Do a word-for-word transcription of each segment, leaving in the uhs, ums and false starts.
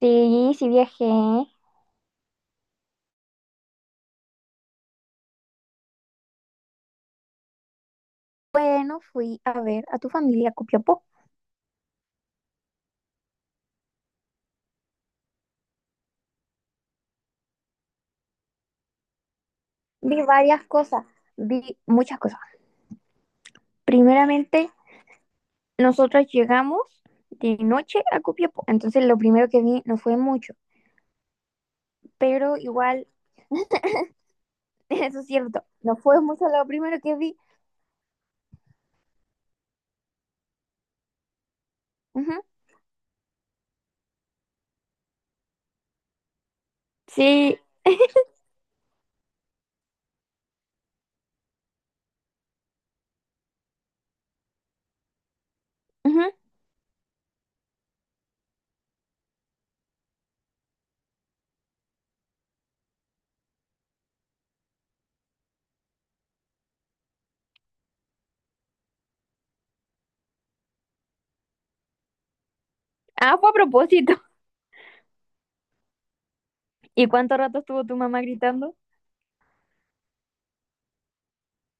Sí, sí viajé. Bueno, fui a ver a tu familia a Copiapó. Vi varias cosas, vi muchas cosas. Primeramente, nosotros llegamos de noche a Copiapó, entonces lo primero que vi no fue mucho, pero igual, eso es cierto, no fue mucho lo primero que vi. Ujú. Sí, ujú. Ah, fue a propósito. ¿Y cuánto rato estuvo tu mamá gritando?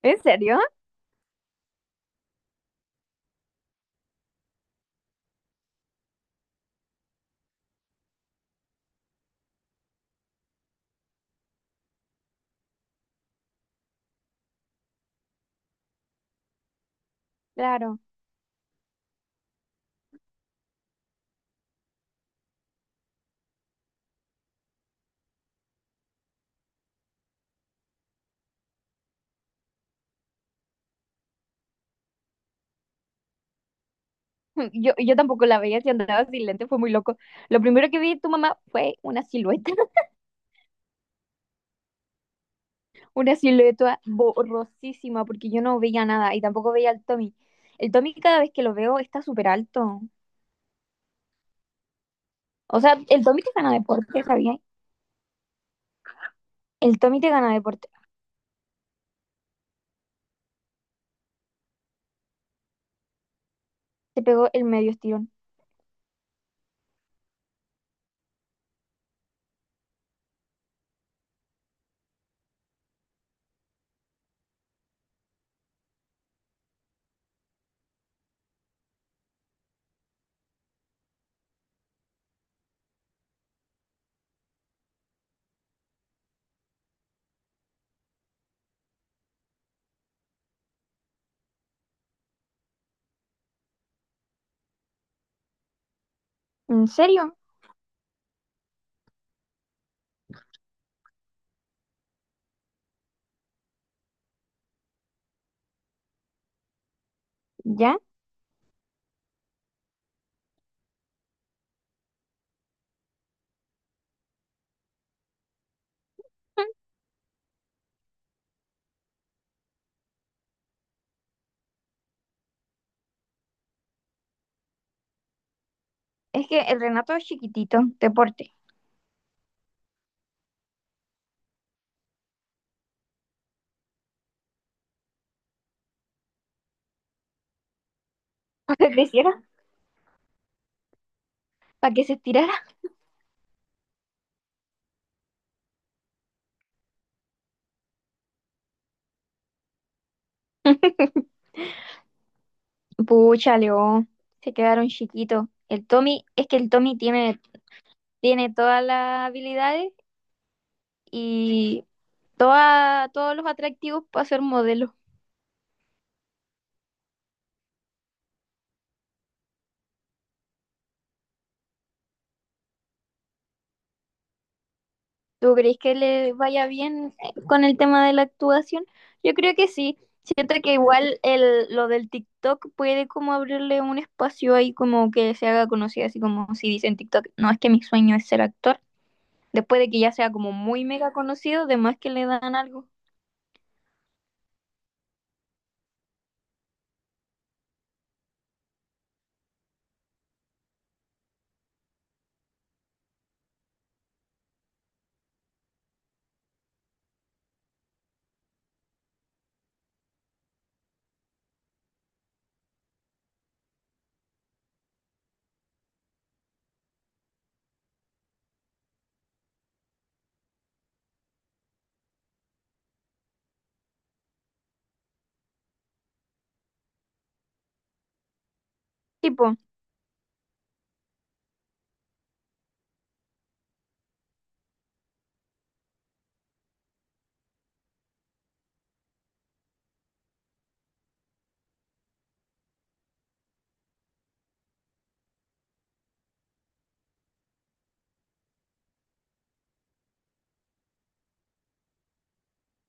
¿En serio? Claro. Yo, yo tampoco la veía si andaba sin lente, fue muy loco. Lo primero que vi de tu mamá fue una silueta. Una silueta borrosísima porque yo no veía nada y tampoco veía al Tommy. El Tommy cada vez que lo veo está súper alto. O sea, el Tommy te gana deporte, Javier. El Tommy te gana deporte. Te pegó el medio estirón. ¿En serio? ¿Ya? Es que el Renato es chiquitito, deporte. ¿Para que creciera? ¿Para que se estirara? Pucha, Leo. Se quedaron chiquitos. El Tommy, es que el Tommy tiene, tiene todas las habilidades y toda- todos los atractivos para ser modelo. ¿Tú crees que le vaya bien eh, con el tema de la actuación? Yo creo que sí. Siento que igual el, lo del TikTok puede como abrirle un espacio ahí como que se haga conocida, así como si dice en TikTok, no es que mi sueño es ser actor. Después de que ya sea como muy mega conocido, de más que le dan algo. Tipo,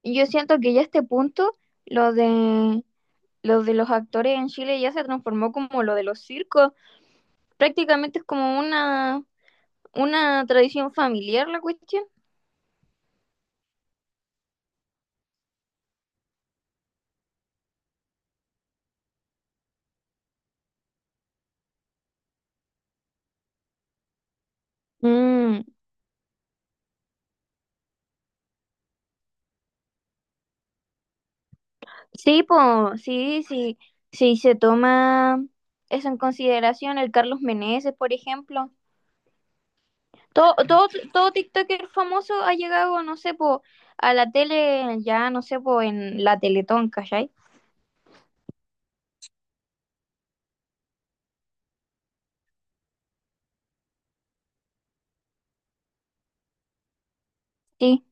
yo siento que ya a este punto lo de, lo de los actores en Chile ya se transformó como lo de los circos. Prácticamente es como una, una tradición familiar la cuestión. Mm. Sí, po, sí, sí, sí se toma eso en consideración, el Carlos Meneses, por ejemplo. Todo, todo, todo TikToker famoso ha llegado, no sé, po, a la tele, ya, no sé, po, en la Teletón, ¿cachai? Sí,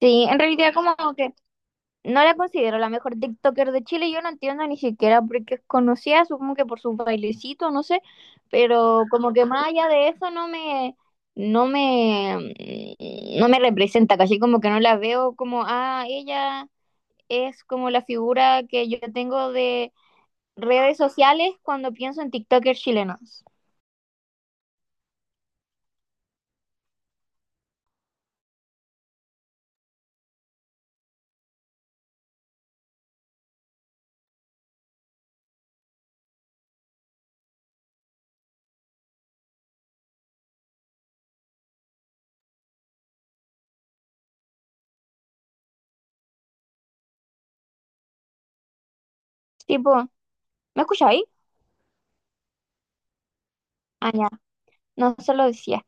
sí, en realidad como que no la considero la mejor TikToker de Chile, yo no entiendo ni siquiera por qué es conocida, supongo que por sus bailecitos, no sé, pero como que más allá de eso no me, no me, no me representa, casi como que no la veo como, ah, ella es como la figura que yo tengo de redes sociales cuando pienso en TikTokers chilenos. Tipo, ¿me escucháis? Ah, ya, no se lo decía.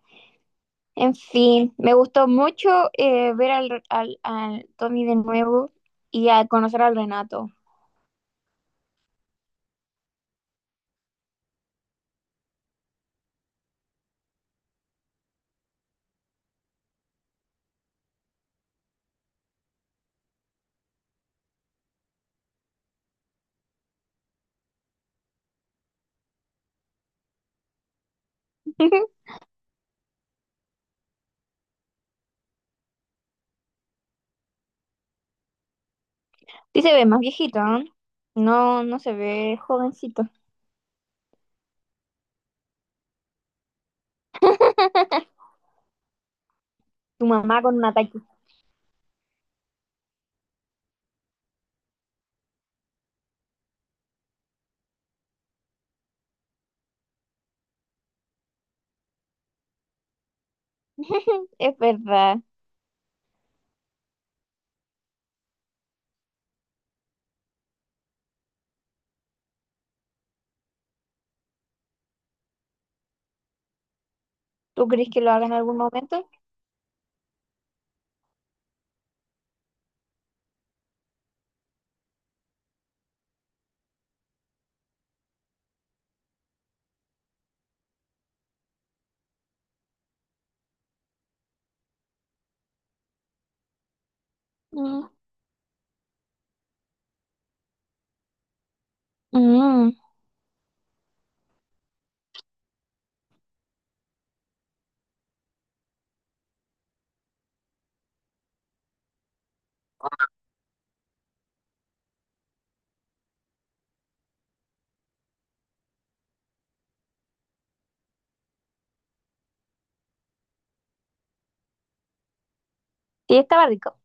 En fin, me gustó mucho eh, ver al, al, al Tommy de nuevo y a conocer al Renato. Sí se ve más viejito, ¿no? No, no se ve jovencito. Tu mamá con un ataque. Es verdad. ¿Tú crees que lo haga en algún momento? Mm. Mm. Sí, estaba rico.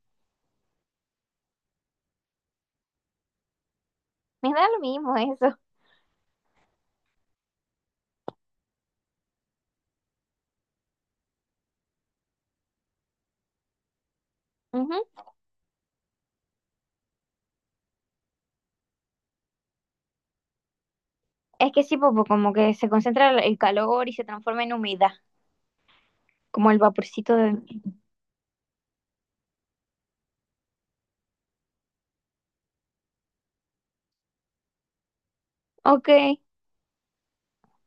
Me da lo mismo eso. Ujú. Es que sí, popo, como que se concentra el el calor y se transforma en humedad, como el vaporcito de... Ok,